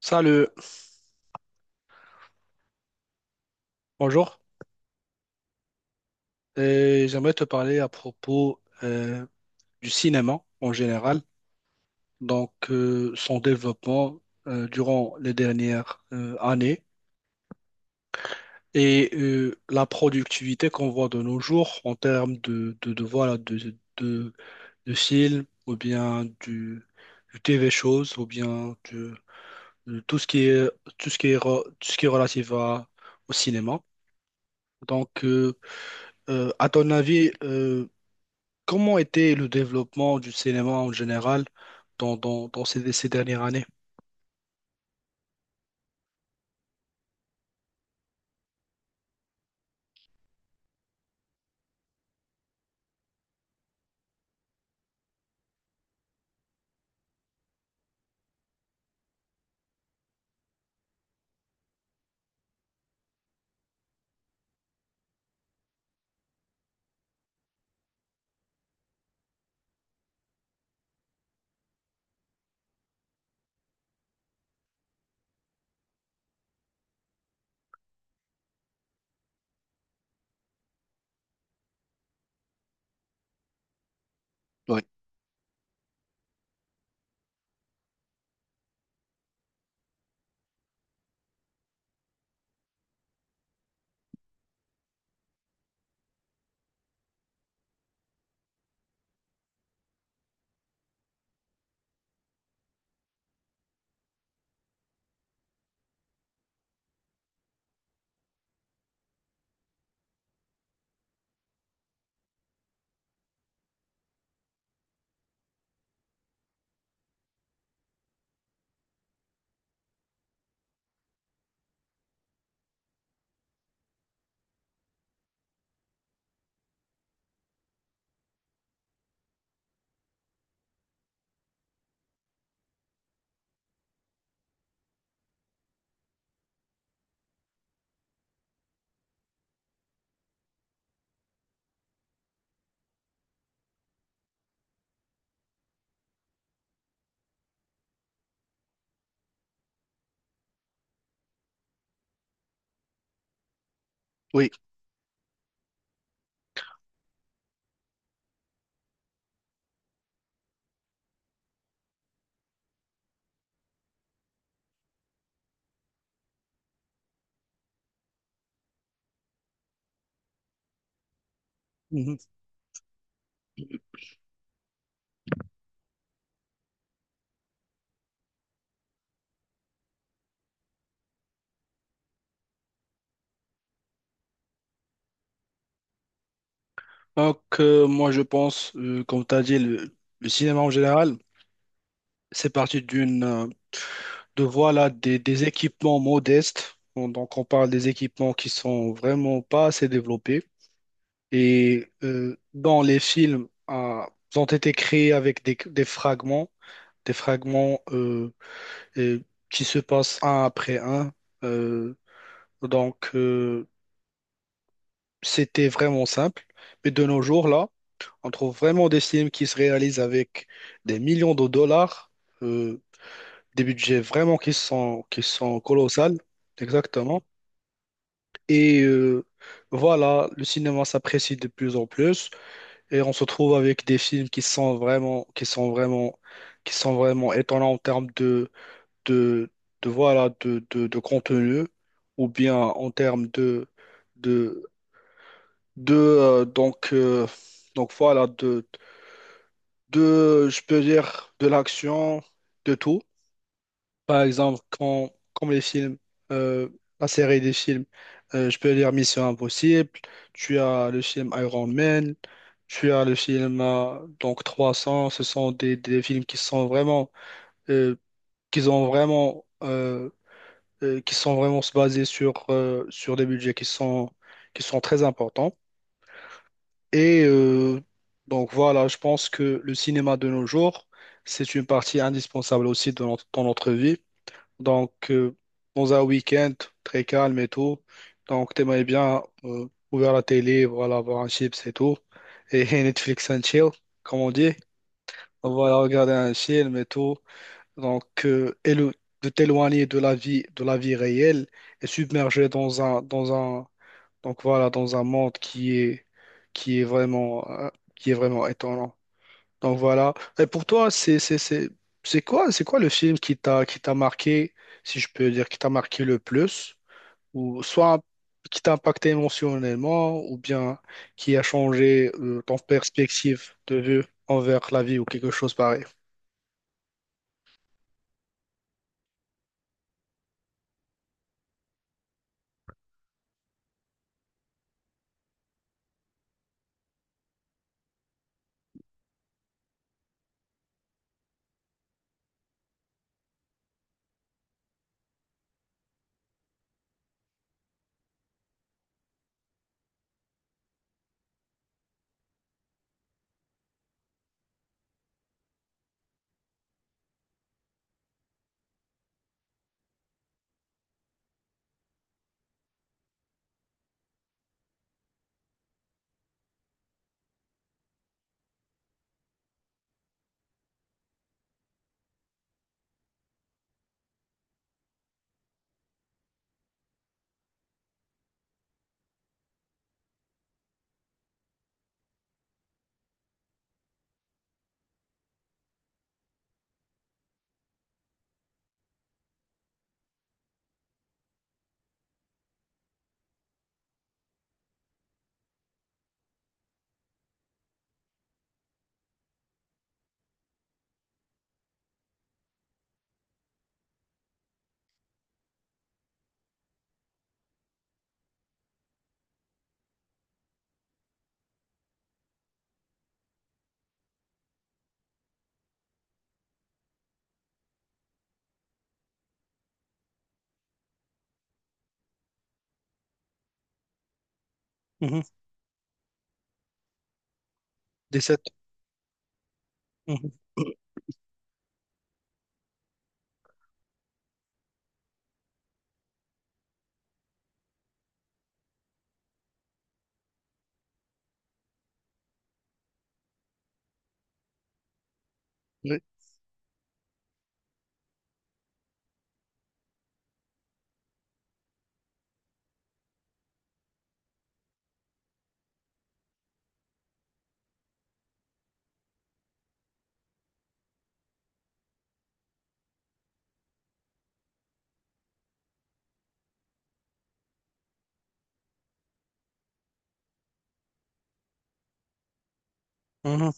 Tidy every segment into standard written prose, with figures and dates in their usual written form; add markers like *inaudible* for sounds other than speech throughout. Salut, bonjour. Et j'aimerais te parler à propos du cinéma en général, son développement durant les dernières années et la productivité qu'on voit de nos jours en termes de films ou bien du TV shows ou bien de tout ce qui est, tout ce qui est, tout ce qui est au cinéma. Donc, euh, à ton avis, comment était le développement du cinéma en général dans ces dernières années? Oui, oui. Mhm. Moi, je pense, comme tu as dit, le cinéma en général, c'est parti de voilà, des équipements modestes. Donc, on parle des équipements qui sont vraiment pas assez développés. Et dans les films, ils ont été créés avec des fragments euh, qui se passent un après un. euh, Donc, euh, C'était vraiment simple. Mais de nos jours, là, on trouve vraiment des films qui se réalisent avec des millions de dollars, euh, des budgets vraiment qui sont colossales, exactement. Et voilà, le cinéma s'apprécie de plus en plus et on se trouve avec des films qui sont vraiment étonnants en termes de, de de contenu ou bien en termes de, de voilà de je peux dire de l'action, de tout. Par exemple, quand comme les films, euh, la série des films, je peux dire Mission Impossible, tu as le film Iron Man, tu as le film 300. Ce sont des films qui sont vraiment euh, qui ont vraiment euh, qui sont vraiment se basés sur sur des budgets qui sont très importants. Et donc voilà, je pense que le cinéma de nos jours, c'est une partie indispensable aussi de notre, dans notre vie. Donc euh, Dans un week-end très calme et tout, donc t'aimerais bien ouvrir la télé, voilà, voir un chips et tout, et *laughs* Netflix and chill, comme on dit. Voilà, regarder un film et tout. Donc euh, élo- de t'éloigner de la vie réelle, et submerger dans un, donc voilà, dans un monde qui est vraiment, euh, qui est vraiment étonnant. Donc voilà. Et pour toi, c'est quoi le film qui t'a marqué, si je peux dire, qui t'a marqué le plus, ou soit qui t'a impacté émotionnellement, ou bien qui a changé, ton perspective de vue envers la vie ou quelque chose pareil. Mhm. Des sept. Mhm. Oui. Mhm.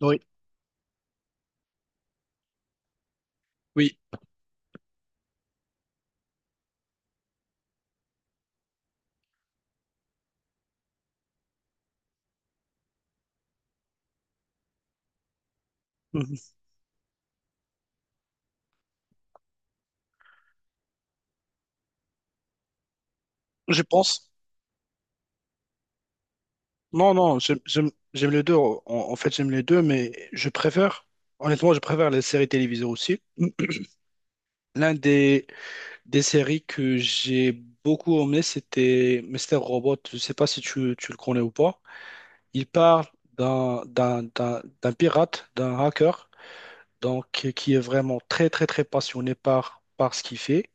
Oui. Oui. Mhm. Je pense. Non, non, j'aime les deux. En, en fait, j'aime les deux, mais je préfère, honnêtement, je préfère les séries télévisées aussi. *clears throat* L'un des séries que j'ai beaucoup aimé, c'était Mr. Robot. Je ne sais pas si tu le connais ou pas. Il parle d'un pirate, d'un hacker, donc qui est vraiment très passionné par ce qu'il fait.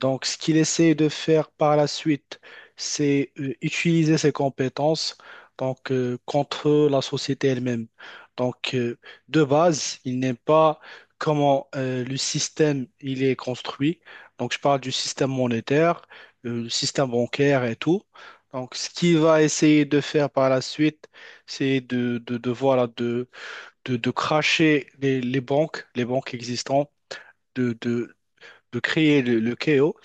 Donc, ce qu'il essaie de faire par la suite, c'est utiliser ses compétences, contre la société elle-même. Donc, euh, de base, il n'aime pas comment le système il est construit. Donc, je parle du système monétaire, le système bancaire et tout. Donc, ce qu'il va essayer de faire par la suite, c'est de, voilà, de cracher les banques existantes, de, de, de créer le chaos.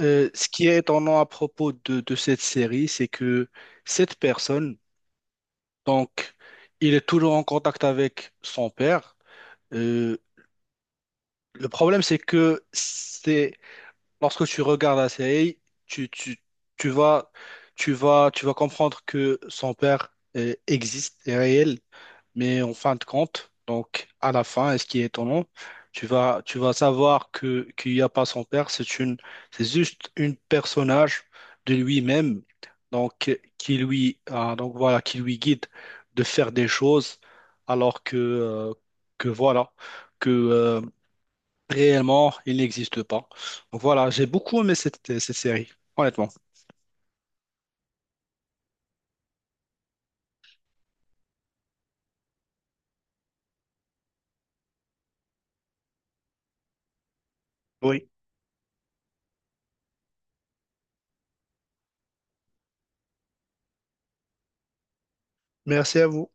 Ce qui est étonnant à propos de cette série, c'est que cette personne, donc, il est toujours en contact avec son père. Euh, le problème, c'est que c'est lorsque tu regardes la série, tu, tu, tu vas, tu vas comprendre que son père existe, est réel, mais en fin de compte, donc à la fin, est-ce qui est étonnant, tu vas savoir que qu'il n'y a pas son père, c'est juste une personnage de lui-même, qui lui, donc voilà, qui lui guide de faire des choses, alors que, que voilà, que euh, réellement, il n'existe pas. Donc voilà, j'ai beaucoup aimé cette série, honnêtement. Oui, merci à vous.